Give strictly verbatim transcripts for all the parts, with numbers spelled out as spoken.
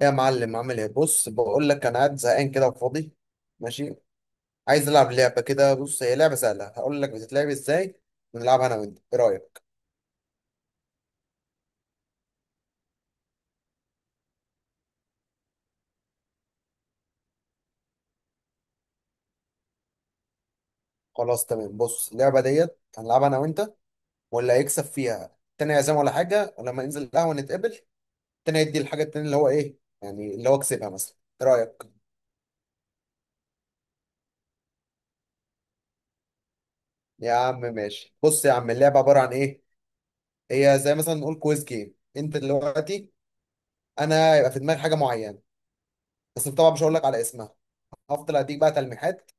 يا معلم، عامل ايه؟ بص، بقول لك انا قاعد زهقان كده وفاضي. ماشي. عايز العب لعبه كده. بص، هي لعبه سهله، هقول لك بتتلعب ازاي ونلعبها انا وانت. ايه رايك؟ خلاص، تمام. بص، اللعبه ديت هنلعبها انا وانت، واللي هيكسب فيها التاني هيعزم ولا حاجه، ولما ننزل القهوه نتقابل. التاني يدي الحاجه التاني اللي هو ايه يعني، اللي هو كسبها مثلا. ايه رايك؟ يا عم ماشي. بص يا عم، اللعبه عباره عن ايه؟ هي زي مثلا نقول كويز جيم. انت دلوقتي انا هيبقى في دماغي حاجه معينه، بس طبعا مش هقول لك على اسمها. هفضل اديك بقى تلميحات.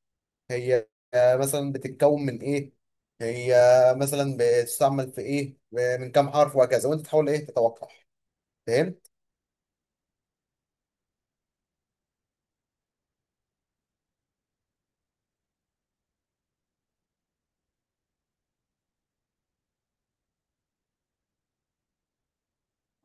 هي، آه، مثلا بتتكون من ايه. هي مثلا بتستعمل في ايه، من كام حرف، وهكذا، وانت تحاول ايه، تتوقع. فهمت؟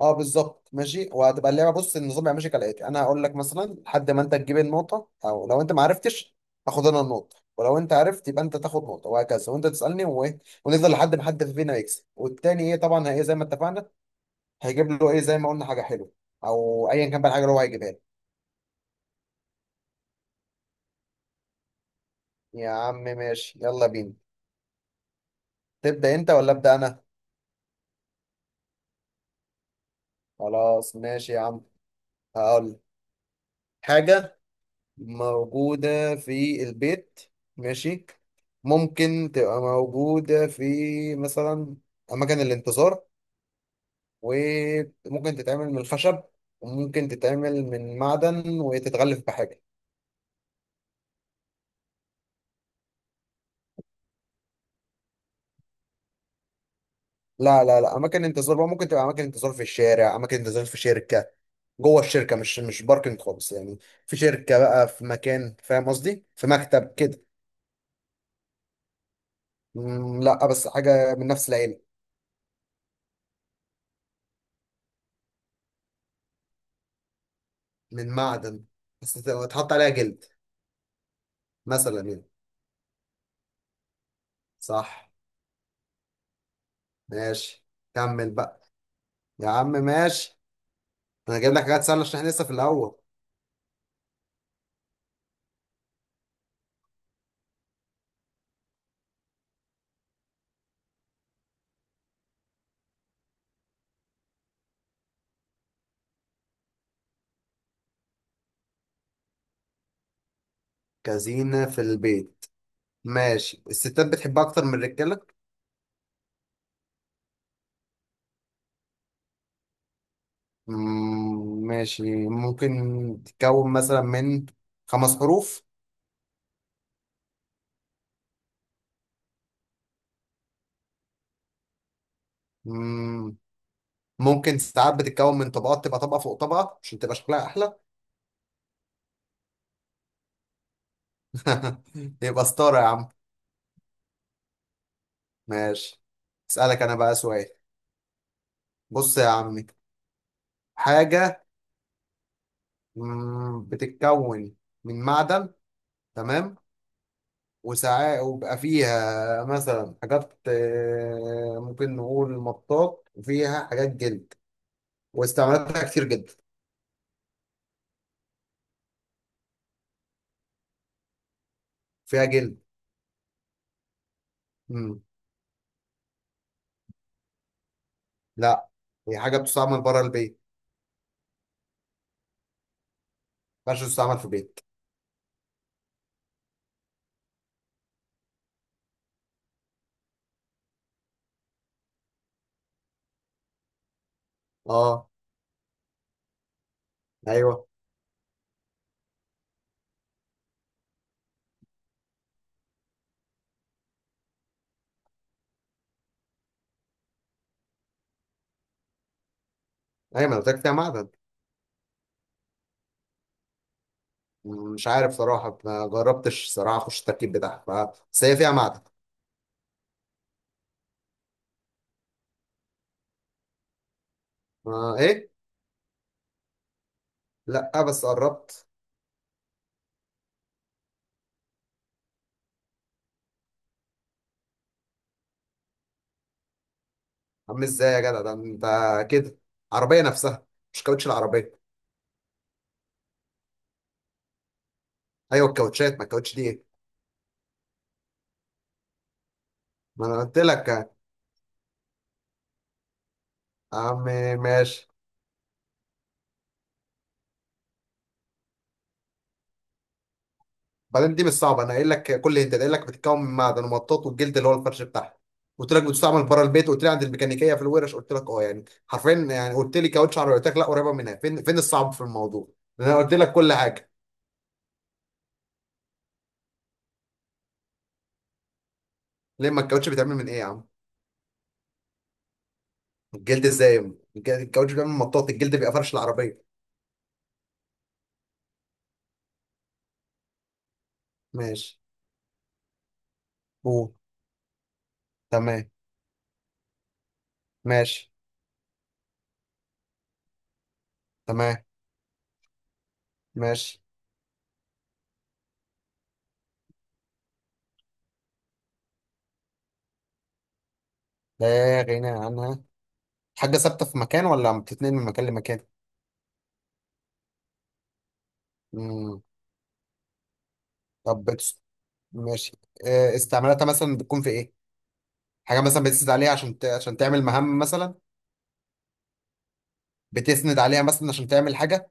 اه بالظبط. ماشي، وهتبقى اللعبه، بص، النظام يبقى ماشي كالاتي: انا هقول لك مثلا لحد ما انت تجيب النقطه، او لو انت ما عرفتش هاخد انا النقطه، ولو انت عرفت يبقى انت تاخد نقطه، وهكذا، وانت تسالني وايه. ونفضل لحد ما حد فينا يكسب، والتاني ايه طبعا، هي زي ما اتفقنا، هيجيب له ايه زي ما قلنا، حاجه حلوه، او ايا كان بقى الحاجه اللي هو هيجيبها لي. يا عم ماشي، يلا بينا. تبدا انت ولا ابدا انا؟ خلاص ماشي يا عم. هقول حاجة موجودة في البيت. ماشي. ممكن تبقى موجودة في، مثلا، أماكن الانتظار. وممكن تتعمل من الخشب، وممكن تتعمل من معدن وتتغلف بحاجة. لا لا لا، أماكن انتظار بقى ممكن تبقى أماكن انتظار في الشارع، أماكن انتظار في شركة. جوه الشركة، مش مش باركنج خالص يعني. في شركة بقى، في مكان، فاهم قصدي، في مكتب كده. مم، لا بس حاجة من نفس العيلة. من معدن، بس ت- وتحط عليها جلد مثلا يعني. صح. ماشي. كمل بقى. يا عم ماشي. انا جايب لك حاجات سهله عشان احنا لسه في الاول. كزينه في البيت؟ ماشي. الستات بتحبها اكتر من الرجاله. مم، ماشي. ممكن تتكون مثلا من خمس حروف. مم، ممكن ساعات بتتكون من طبقات، تبقى طبقه فوق طبقه عشان تبقى شكلها احلى. يبقى ستاره يا عم. ماشي. اسالك انا بقى سؤال. بص يا عمي، حاجه، مم، بتتكون من معدن، تمام، وساعات وبقى فيها مثلا حاجات، آه، ممكن نقول مطاط، وفيها حاجات جلد، واستعمالاتها كتير جدا. فيها جلد. مم. لا، هي حاجة بتستعمل بره البيت. ما ينفعش تستعمل في البيت. اه. ايوه. ايوه ما أنا قلت لك فيها معدن. مم، مش عارف صراحة، ما جربتش صراحة اخش التركيب بتاعها. ف- بس هي فيها معدن. آه ايه؟ لا بس قربت. عامل ازاي يا جدع؟ ده انت كده! عربيه نفسها، مش كاوتش العربيه. ايوه الكاوتشات، ما الكاوتش دي ايه؟ ما انا قلت لك يا عم. ماشي. بعدين دي مش صعبه، انا قايل لك كل، انت قايل لك بتتكون من معدن ومطاط والجلد اللي هو الفرش بتاعها، قلت لك بتستعمل بره البيت، قلت لي عند الميكانيكيه في الورش، قلت لك اه يعني حرفيا، يعني قلت لي كاوتش عربيه قلت لك لا قريبه منها. فين فين الصعب في الموضوع؟ انا قلت لك كل حاجه. ليه؟ ما الكاوتش بيتعمل من ايه يا عم؟ الجلد ازاي؟ الج- الكاوتش بيتعمل من مطاط، الجلد بيبقى فرش العربيه. ماشي. قول. تمام. ماشي. تمام. ماشي. لا غنى عنها. حاجة ثابتة في مكان ولا بتتنقل من مكان لمكان؟ مم. طب بتس... ماشي. آه، استعمالاتها مثلا بتكون في إيه؟ حاجة مثلا بتسند عليها عشان ت... عشان تعمل مهام مثلا. بتسند عليها مثلا عشان تعمل حاجة.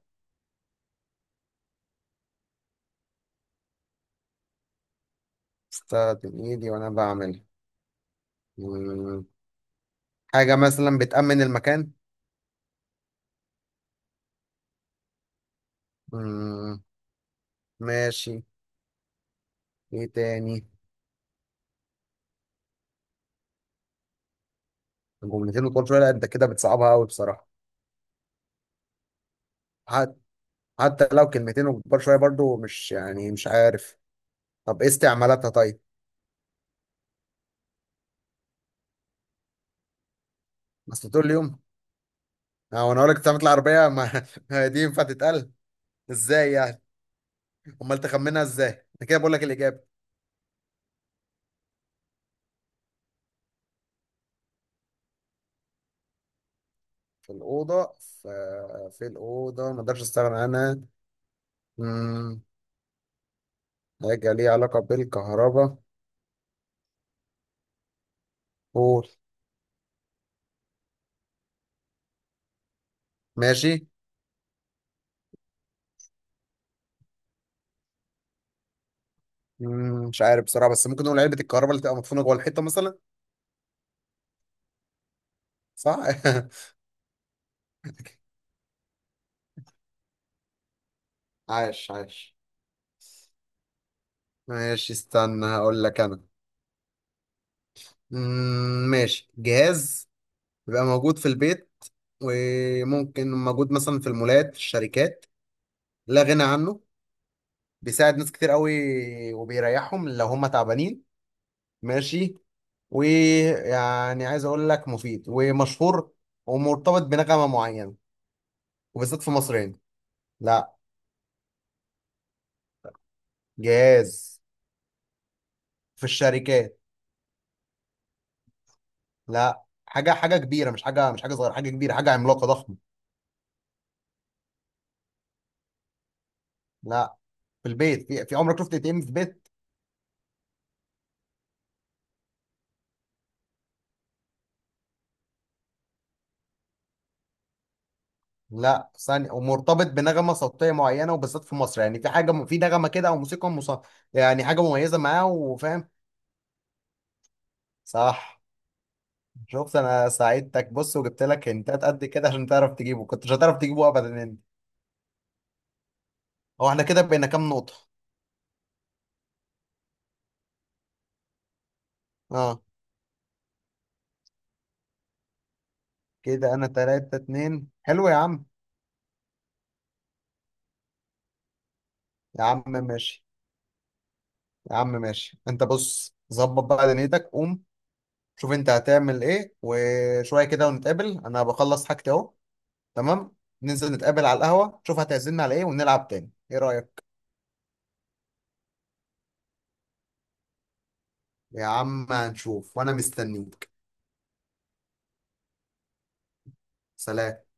استخدم إيدي وأنا بعمل. مم. حاجة مثلا بتأمن المكان. مم. ماشي. إيه تاني؟ جملتين وطول شوية، لا أنت كده بتصعبها أوي بصراحة. حت... حتى لو كلمتين وكبار شوية برضو مش، يعني مش عارف. طب إيه استعمالاتها طيب؟ بس طول اليوم؟ اه، وانا اقول لك بتعمل العربيه؟ ما ما دي ينفع تتقال ازاي يعني؟ امال تخمنها ازاي؟ انا كده بقول لك الاجابه. في الاوضه، في, في الاوضه ما اقدرش استغنى عنها. امم حاجه ليها علاقه بالكهرباء. قول. ماشي. مم، مش عارف بصراحه، بس ممكن نقول علبه الكهرباء اللي تبقى مدفونه جوه الحيطه مثلا. صح. عاش عاش. ماشي، استنى هقول لك انا. مم، ماشي. جهاز بيبقى موجود في البيت، وممكن موجود مثلا في المولات، في الشركات. لا غنى عنه. بيساعد ناس كتير قوي، وبيريحهم لو هم تعبانين. ماشي. ويعني عايز اقول لك مفيد ومشهور، ومرتبط بنغمة معينة، وبالذات في مصر هنا. لا. جهاز. في الشركات. لا، حاجة حاجة كبيرة، مش حاجة، مش حاجة صغيرة، حاجة كبيرة، حاجة عملاقة ضخمة. لا. في البيت، في, في عمرك شفت اي تي ام في بيت؟ لا، ثانية، ومرتبط بنغمة صوتية معينة وبالذات في مصر، يعني في حاجة، في نغمة كده او موسيقى مص... يعني حاجة مميزة معاه، وفاهم. صح. شفت انا ساعدتك؟ بص، وجبت لك هنتات قد كده عشان تعرف تجيبه، كنت مش هتعرف تجيبه ابدا انت. هو احنا كده بقينا كام نقطة؟ اه. كده انا تلاتة اتنين. حلو يا عم. يا عم ماشي. يا عم ماشي. انت بص، ظبط بقى دنيتك، قوم شوف انت هتعمل ايه، وشوية كده ونتقابل. انا بخلص حاجتي اهو. تمام. ننزل نتقابل على القهوة، شوف هتعزمنا على ايه، ونلعب تاني. ايه رأيك؟ يا عم هنشوف، وانا مستنيك. سلام.